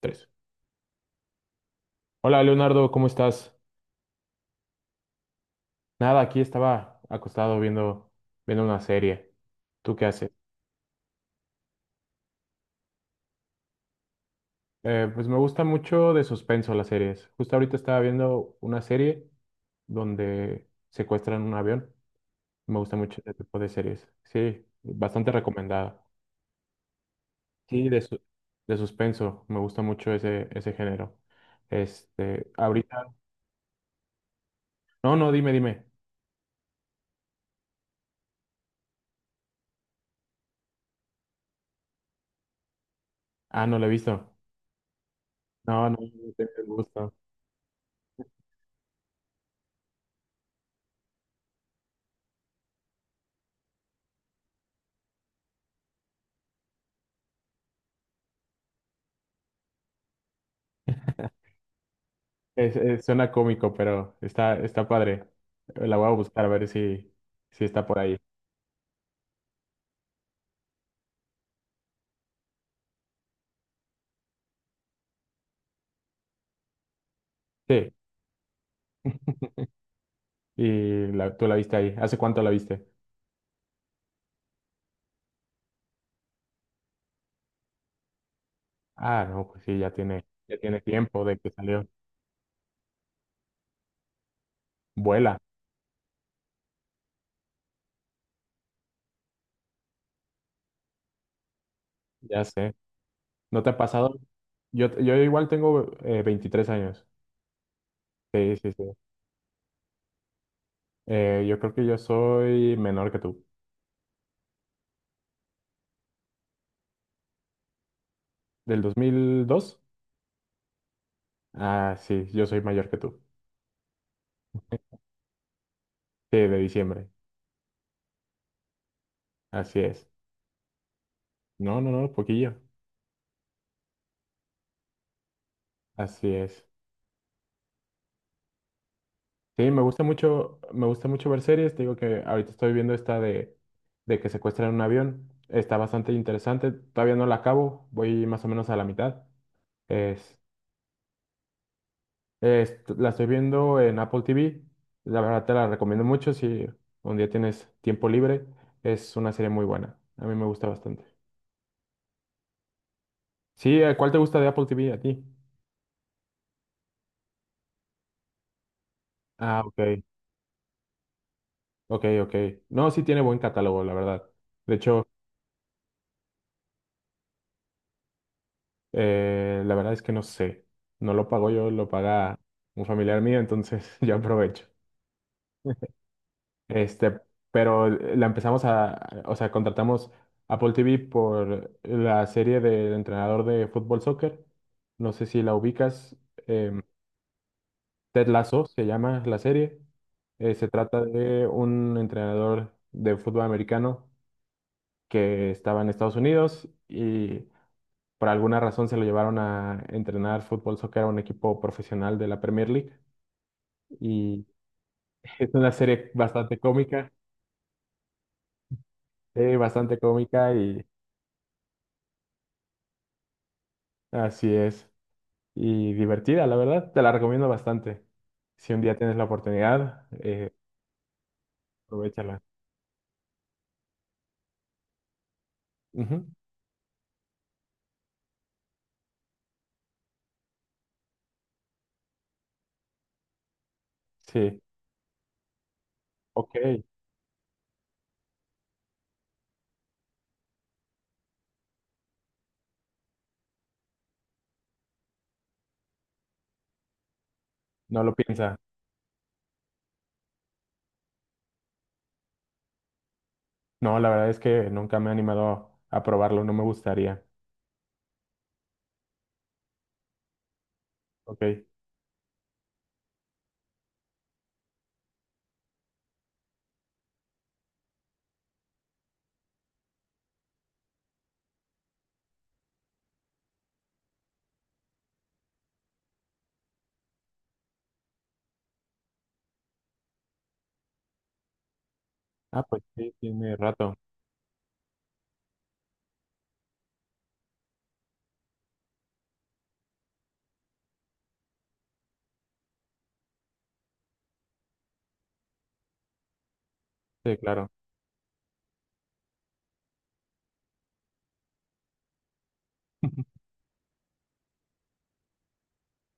Tres. Hola Leonardo, ¿cómo estás? Nada, aquí estaba acostado viendo una serie. ¿Tú qué haces? Pues me gusta mucho de suspenso las series. Justo ahorita estaba viendo una serie donde secuestran un avión. Me gusta mucho ese tipo de series. Sí, bastante recomendada. Sí, de suspenso. Me gusta mucho ese género. Este, ahorita. No, no, dime, dime. Ah, no la he visto. No, no, no tengo el gusto. Suena cómico, pero está padre. La voy a buscar a ver si está por ahí. Sí, tú la viste ahí. ¿Hace cuánto la viste? Ah, no, pues sí, ya tiene tiempo de que salió. Vuela, ya sé. ¿No te ha pasado? Yo igual tengo 23 años. Sí, sí, sí. Yo creo que yo soy menor que tú. ¿Del dos mil dos? Ah, sí, yo soy mayor que tú. Sí, de diciembre. Así es. No, no, no, poquillo. Así es. Sí, me gusta mucho ver series. Te digo que ahorita estoy viendo esta de que secuestran un avión. Está bastante interesante. Todavía no la acabo. Voy más o menos a la mitad. Es, la estoy viendo en Apple TV. La verdad te la recomiendo mucho si un día tienes tiempo libre. Es una serie muy buena. A mí me gusta bastante. Sí, ¿eh? ¿Cuál te gusta de Apple TV a ti? Ah, ok, ok, ok. No, sí tiene buen catálogo, la verdad. De hecho, la verdad es que no sé. No lo pago yo, lo paga un familiar mío, entonces yo aprovecho. Este, pero la empezamos a, o sea, contratamos Apple TV por la serie del entrenador de fútbol soccer. No sé si la ubicas. em, Ted Lasso se llama la serie. Se trata de un entrenador de fútbol americano que estaba en Estados Unidos y por alguna razón se lo llevaron a entrenar fútbol, soccer a un equipo profesional de la Premier League. Y es una serie bastante cómica, bastante cómica y así es. Y divertida, la verdad. Te la recomiendo bastante. Si un día tienes la oportunidad, aprovéchala. Ujú, sí, ok. No lo piensa. No, la verdad es que nunca me he animado a probarlo. No me gustaría. Ok. Ah, pues sí, tiene rato. Sí, claro.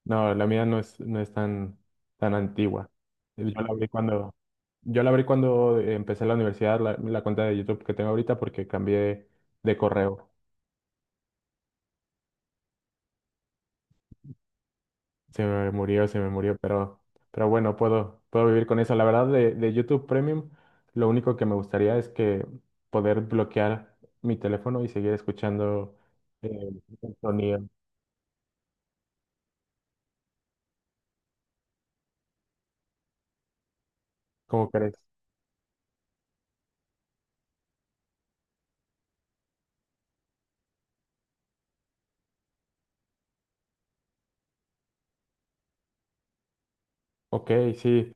No, la mía no es, no es tan, tan antigua. Yo la abrí yo la abrí cuando empecé la universidad, la cuenta de YouTube que tengo ahorita, porque cambié de correo. Se me murió, pero bueno, puedo, puedo vivir con eso. La verdad, de YouTube Premium, lo único que me gustaría es que poder bloquear mi teléfono y seguir escuchando eh, el sonido. ¿Cómo crees? Ok, sí.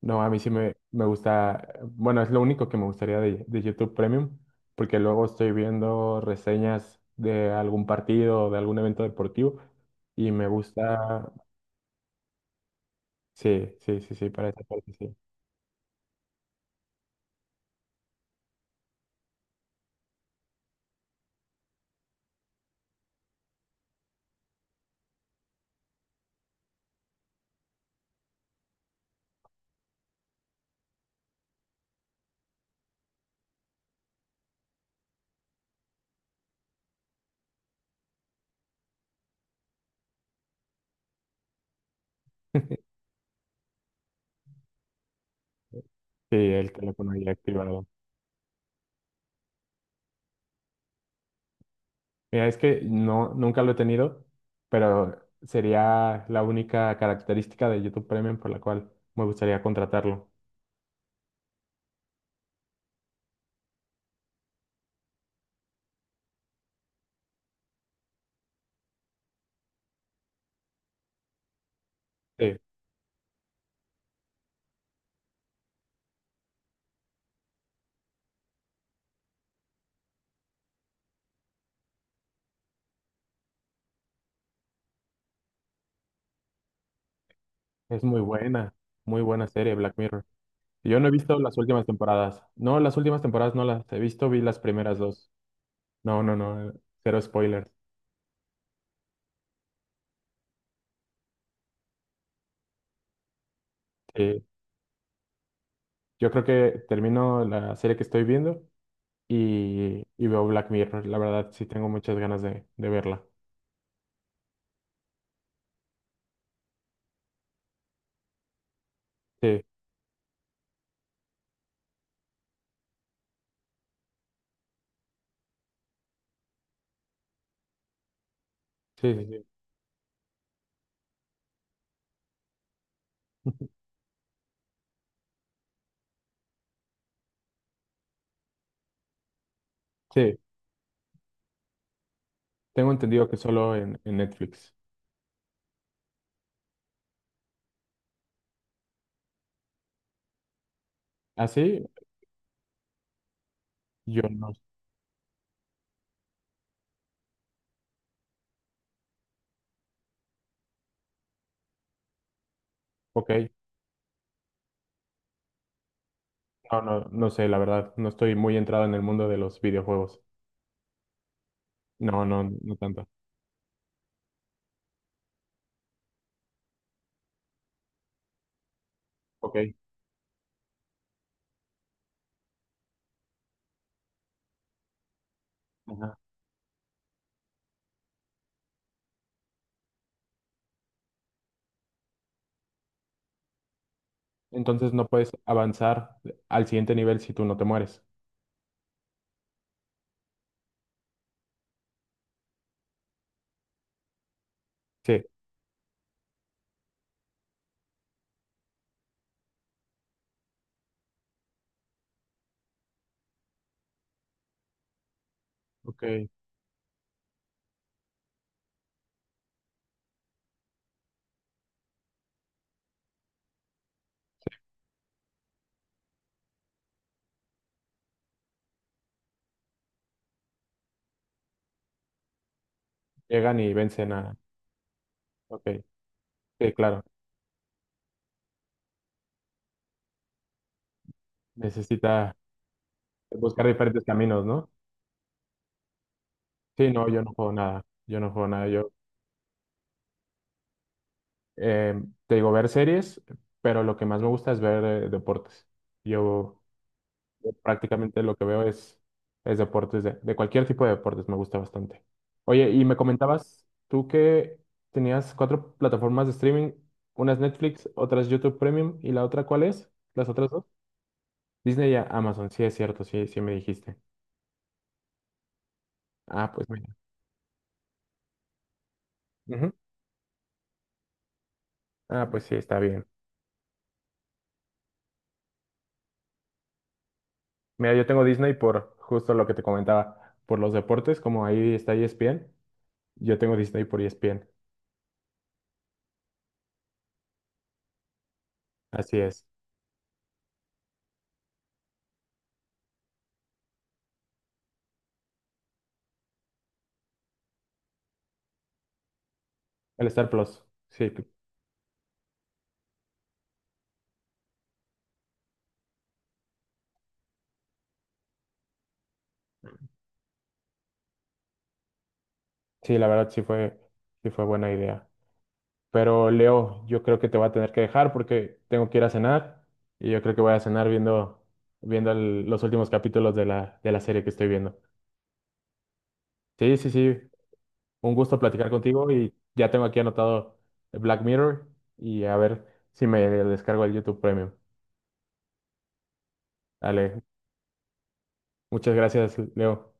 No, a mí sí me gusta, bueno, es lo único que me gustaría de YouTube Premium, porque luego estoy viendo reseñas de algún partido o de algún evento deportivo y me gusta, sí, sí, sí, sí, para esa parte sí. Sí, el teléfono ahí activado. Mira, es que no, nunca lo he tenido, pero sería la única característica de YouTube Premium por la cual me gustaría contratarlo. Sí, es muy buena serie Black Mirror. Yo no he visto las últimas temporadas. No, las últimas temporadas no las he visto, vi las primeras dos. No, no, no, cero spoilers. Sí, yo creo que termino la serie que estoy viendo y veo Black Mirror. La verdad, sí tengo muchas ganas de verla. Sí, sí, sí, sí. Sí, tengo entendido que solo en Netflix. ¿Así? Yo no. Ok. No, no, no sé, la verdad. No estoy muy entrado en el mundo de los videojuegos. No, no, no tanto. Ok. Ajá. Entonces no puedes avanzar al siguiente nivel si tú no te mueres. Sí, ok. Llegan y vencen a... Ok, sí, claro. Necesita buscar diferentes caminos, ¿no? Sí, no, yo no juego nada. Yo no juego nada. Yo eh, te digo ver series, pero lo que más me gusta es ver deportes. Yo yo prácticamente lo que veo es deportes, de cualquier tipo de deportes, me gusta bastante. Oye, y me comentabas tú que tenías cuatro plataformas de streaming, unas Netflix, otras YouTube Premium, y la otra, ¿cuál es? Las otras dos. Disney y Amazon, sí es cierto, sí, sí me dijiste. Ah, pues mira. Ujú. Ah, pues sí, está bien. Mira, yo tengo Disney por justo lo que te comentaba, por los deportes, como ahí está ESPN, yo tengo Disney por ESPN. Así es. El Star Plus. Sí, sí, la verdad sí fue buena idea. Pero Leo, yo creo que te voy a tener que dejar porque tengo que ir a cenar y yo creo que voy a cenar viendo el- los últimos capítulos de de la serie que estoy viendo. Sí, sí, sí, un gusto platicar contigo y ya tengo aquí anotado Black Mirror y a ver si me descargo el YouTube Premium. Dale, muchas gracias, Leo.